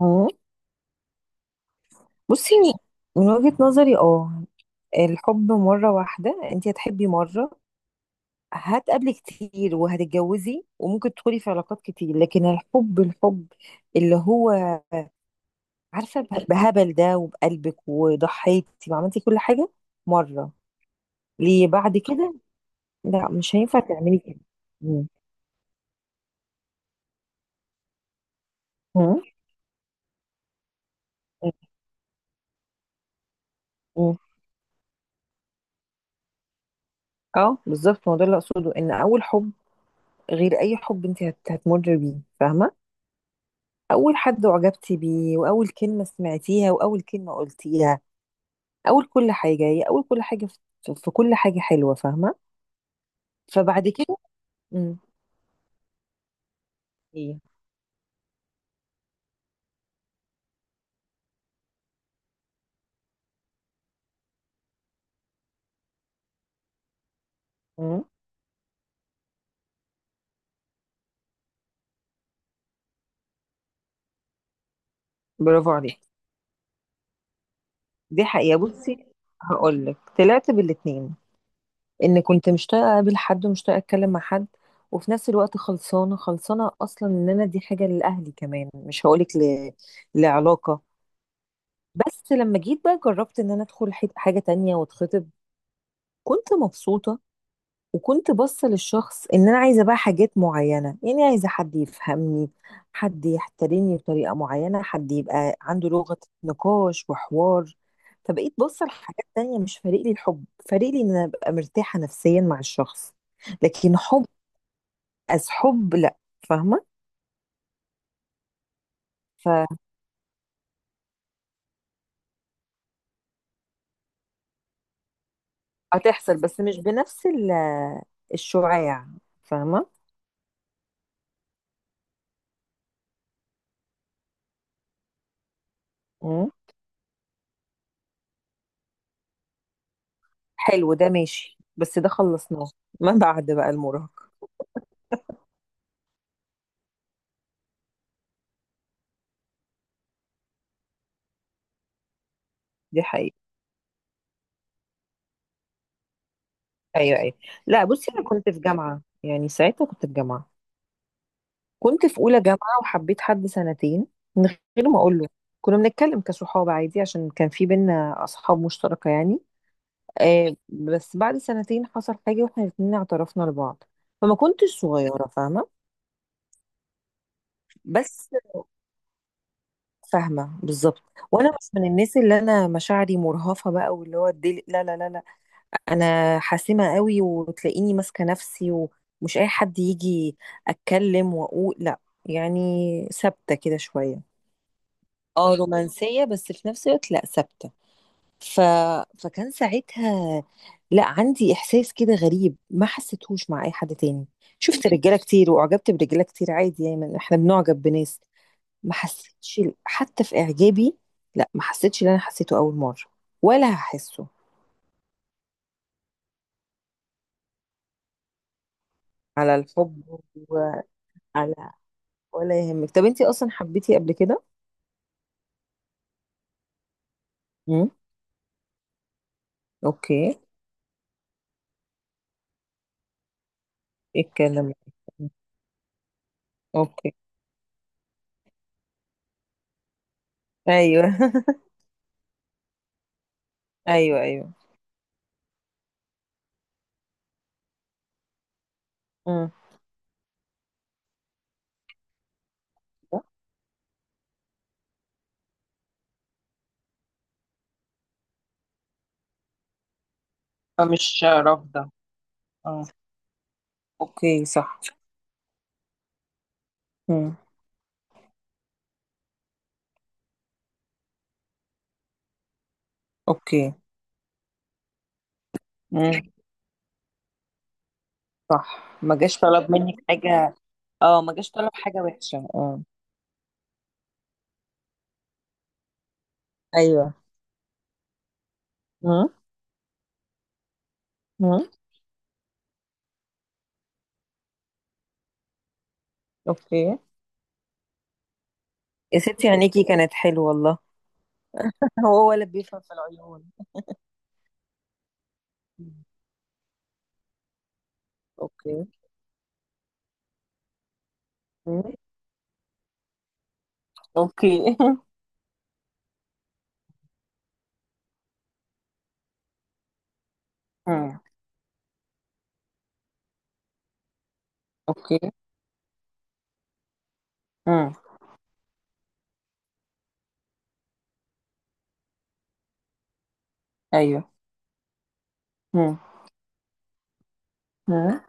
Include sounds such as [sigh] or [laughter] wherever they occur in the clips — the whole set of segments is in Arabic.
مم. بصي، من وجهة نظري الحب مرة واحدة. انت هتحبي مرة، هتقابلي كتير وهتتجوزي وممكن تدخلي في علاقات كتير، لكن الحب اللي هو، عارفة، بهبل ده، وبقلبك، وضحيتي وعملتي كل حاجة مرة. ليه بعد كده؟ لا، مش هينفع تعملي كده. مم. مم. مم. اه بالظبط، ما هو ده اللي اقصده، ان اول حب غير اي حب انت هتمر بيه، فاهمة؟ أول حد أعجبتي بيه، وأول كلمة سمعتيها، وأول كلمة قلتيها، أول كل حاجة هي أول كل حاجة في كل حاجة حلوة، فاهمة؟ فبعد كده. امم. ايه. امم. برافو عليك. دي حقيقة، بصي، هقولك طلعت بالاتنين. إن كنت مشتاقة أقابل حد ومشتاقة أتكلم مع حد، وفي نفس الوقت خلصانة خلصانة أصلا، إن أنا، دي حاجة لأهلي كمان، مش هقولك لعلاقة. بس لما جيت بقى، جربت إن أنا أدخل حاجة تانية، واتخطب. كنت مبسوطة، وكنت باصه للشخص ان انا عايزه بقى حاجات معينه، يعني عايزه حد يفهمني، حد يحترمني بطريقه معينه، حد يبقى عنده لغه نقاش وحوار. فبقيت باصه لحاجات تانية، مش فارق لي الحب، فارق لي ان انا ابقى مرتاحه نفسيا مع الشخص. لكن حب، حب، لا، فاهمه؟ فهتحصل، بس مش بنفس الشعاع، فاهمه؟ مم. حلو، ده ماشي، بس ده خلصناه. ما بعد بقى المراهقه. دي حقيقة. ايوه، ايوه. لا، بصي، انا كنت في جامعه، يعني ساعتها كنت في جامعه، كنت في اولى جامعه، وحبيت حد سنتين من غير ما اقول له. كنا بنتكلم كصحاب عادي، عشان كان في بينا اصحاب مشتركه يعني. بس بعد سنتين حصل حاجه، واحنا الاثنين اعترفنا لبعض، فما كنتش صغيره، فاهمه؟ بس. فاهمه بالظبط. وانا مش من الناس اللي انا مشاعري مرهفه بقى، واللي هو لا لا لا لا، انا حاسمه قوي، وتلاقيني ماسكه نفسي، ومش اي حد يجي اتكلم واقول لا، يعني ثابته كده شويه. اه، رومانسيه، بس في نفس الوقت لا، ثابته. ف... فكان ساعتها لا، عندي احساس كده غريب، ما حسيتهوش مع اي حد تاني. شفت رجاله كتير، واعجبت برجاله كتير عادي، يعني احنا بنعجب بناس. ما حسيتش حتى في اعجابي، لا، ما حسيتش اللي انا حسيته اول مره، ولا هحسه. على الحب. وعلى. ولا يهمك، طب انتي اصلا حبيتي قبل كده؟ امم. اوكي. ايه الكلام ده؟ اوكي. ايوه [laughs] ايوه، ايوه. امم. فمش رافضة. اه. اوكي، صح. امم. اوكي. امم. صح، ما جاش طلب منك حاجه. اه، ما جاش طلب حاجه وحشه، اه. ايوه. امم. امم. اوكي. يا ستي، عينيكي كانت حلوه والله. [laughs] هو ولا بيفهم في العيون. مم. اوكي. مم. اوكي [laughs] مم. اوكي. مم. ايوه. مم. مم.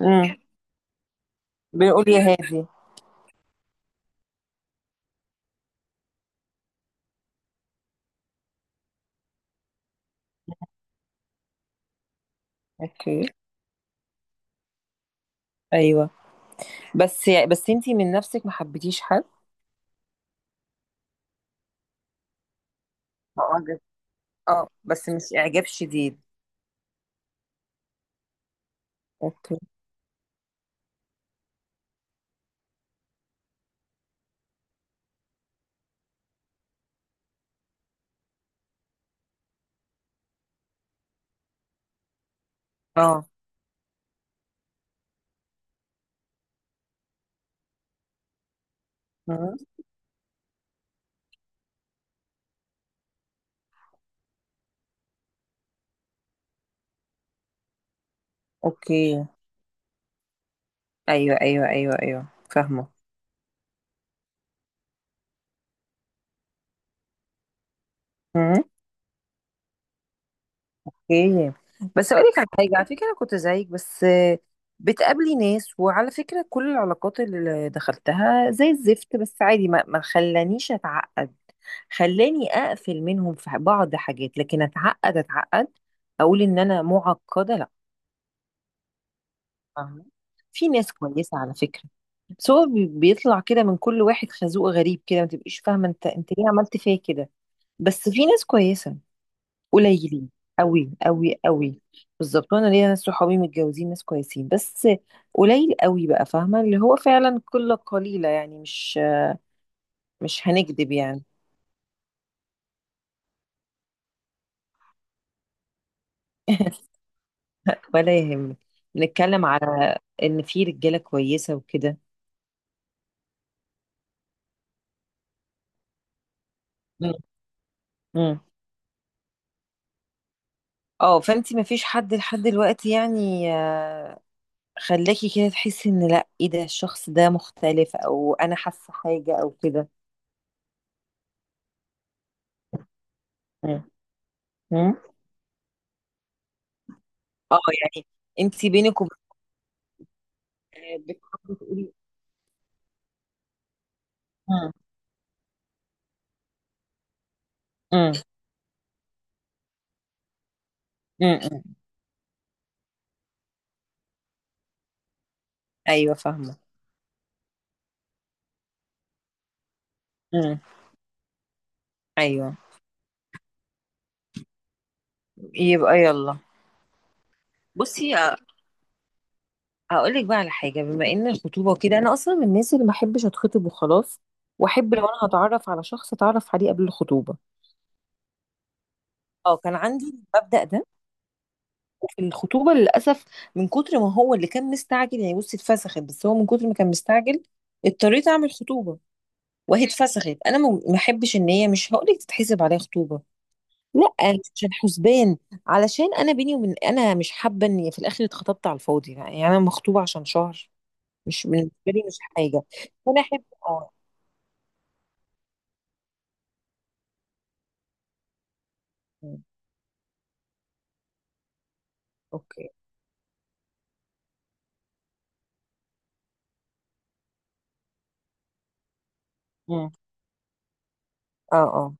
مم. بنقول يا هادي. اوكي. ايوه، بس انتي من نفسك ما حبيتيش حد؟ معجب. اه، بس مش اعجاب شديد. اوكي. اه. مم. اوكي. ايوه، ايوه، ايوه، ايوه، فاهمه. مم. اوكي. بس اقول لك على حاجه، على فكره انا كنت زيك، بس بتقابلي ناس، وعلى فكره كل العلاقات اللي دخلتها زي الزفت، بس عادي، ما خلانيش اتعقد، خلاني اقفل منهم في بعض حاجات، لكن اتعقد اتعقد اقول ان انا معقده، لا. فاهمة؟ في ناس كويسه على فكره، بس هو بيطلع كده من كل واحد خازوق غريب، كده ما تبقيش فاهمه، انت ليه عملت فيا كده؟ بس في ناس كويسه، قليلين قوي قوي قوي. بالظبط، وانا ليا ناس صحابي متجوزين ناس كويسين، بس قليل قوي بقى، فاهمه؟ اللي هو فعلا قله قليله، يعني مش هنكذب يعني. [laughs] ولا يهمك، بنتكلم على ان في رجاله كويسه وكده. مم. مم. اه، فانت ما فيش حد لحد دلوقتي يعني خلاكي كده تحسي ان، لا، ايه ده، الشخص ده مختلف، او انا حاسه حاجه او كده؟ مم. مم. اه يعني، انت بينك وبين بتحبي تقولي. مم. مم. مم. مم. ايوه فاهمه. مم. ايوه، يبقى يلا. بصي، هقول لك بقى على حاجه، بما ان الخطوبه وكده، انا اصلا من الناس اللي ما احبش اتخطب وخلاص، واحب لو انا هتعرف على شخص اتعرف عليه قبل الخطوبه. اه، كان عندي المبدا ده. وفي الخطوبه للاسف، من كتر ما هو اللي كان مستعجل يعني، بصي اتفسخت، بس هو من كتر ما كان مستعجل، اضطريت اعمل خطوبه. وهي اتفسخت، انا ما احبش ان هي، مش هقول لك تتحسب عليها خطوبه، لا مش عشان حسبان، علشان انا، بيني وبين، انا مش حابه ان في الاخر اتخطبت على الفاضي، يعني انا مخطوبه عشان شهر، مش بالنسبه لي، مش حاجه. فانا احب، اه. مم. اوكي. مم. اه، اه.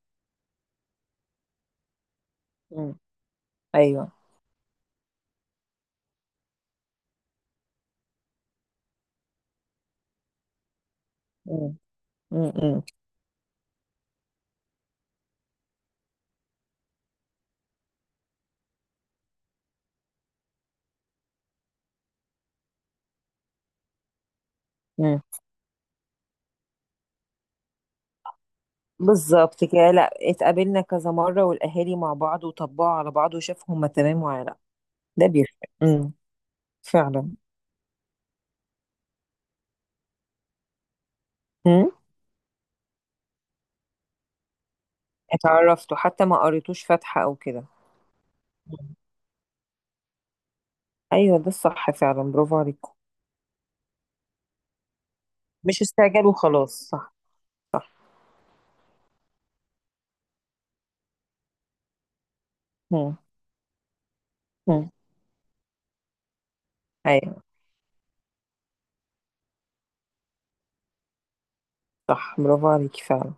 مم. ايوه. مم. مم. مم. مم. بالظبط كده، لا، اتقابلنا كذا مرة، والأهالي مع بعض، وطبقوا على بعض، وشافوا هما تمام ولا لا. ده بيفرق. مم. فعلا. مم. اتعرفتوا حتى؟ ما قريتوش فاتحة أو كده؟ مم. أيوه، ده الصح فعلا، برافو عليكم. مش استعجال وخلاص، صح. صح. مم. مم. أيوه، صح، برافو عليكي فعلا.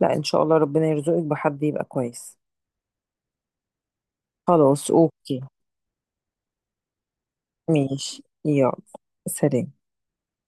لا، إن شاء الله ربنا يرزقك بحد يبقى كويس. خلاص أوكي. ماشي يلا. سلام.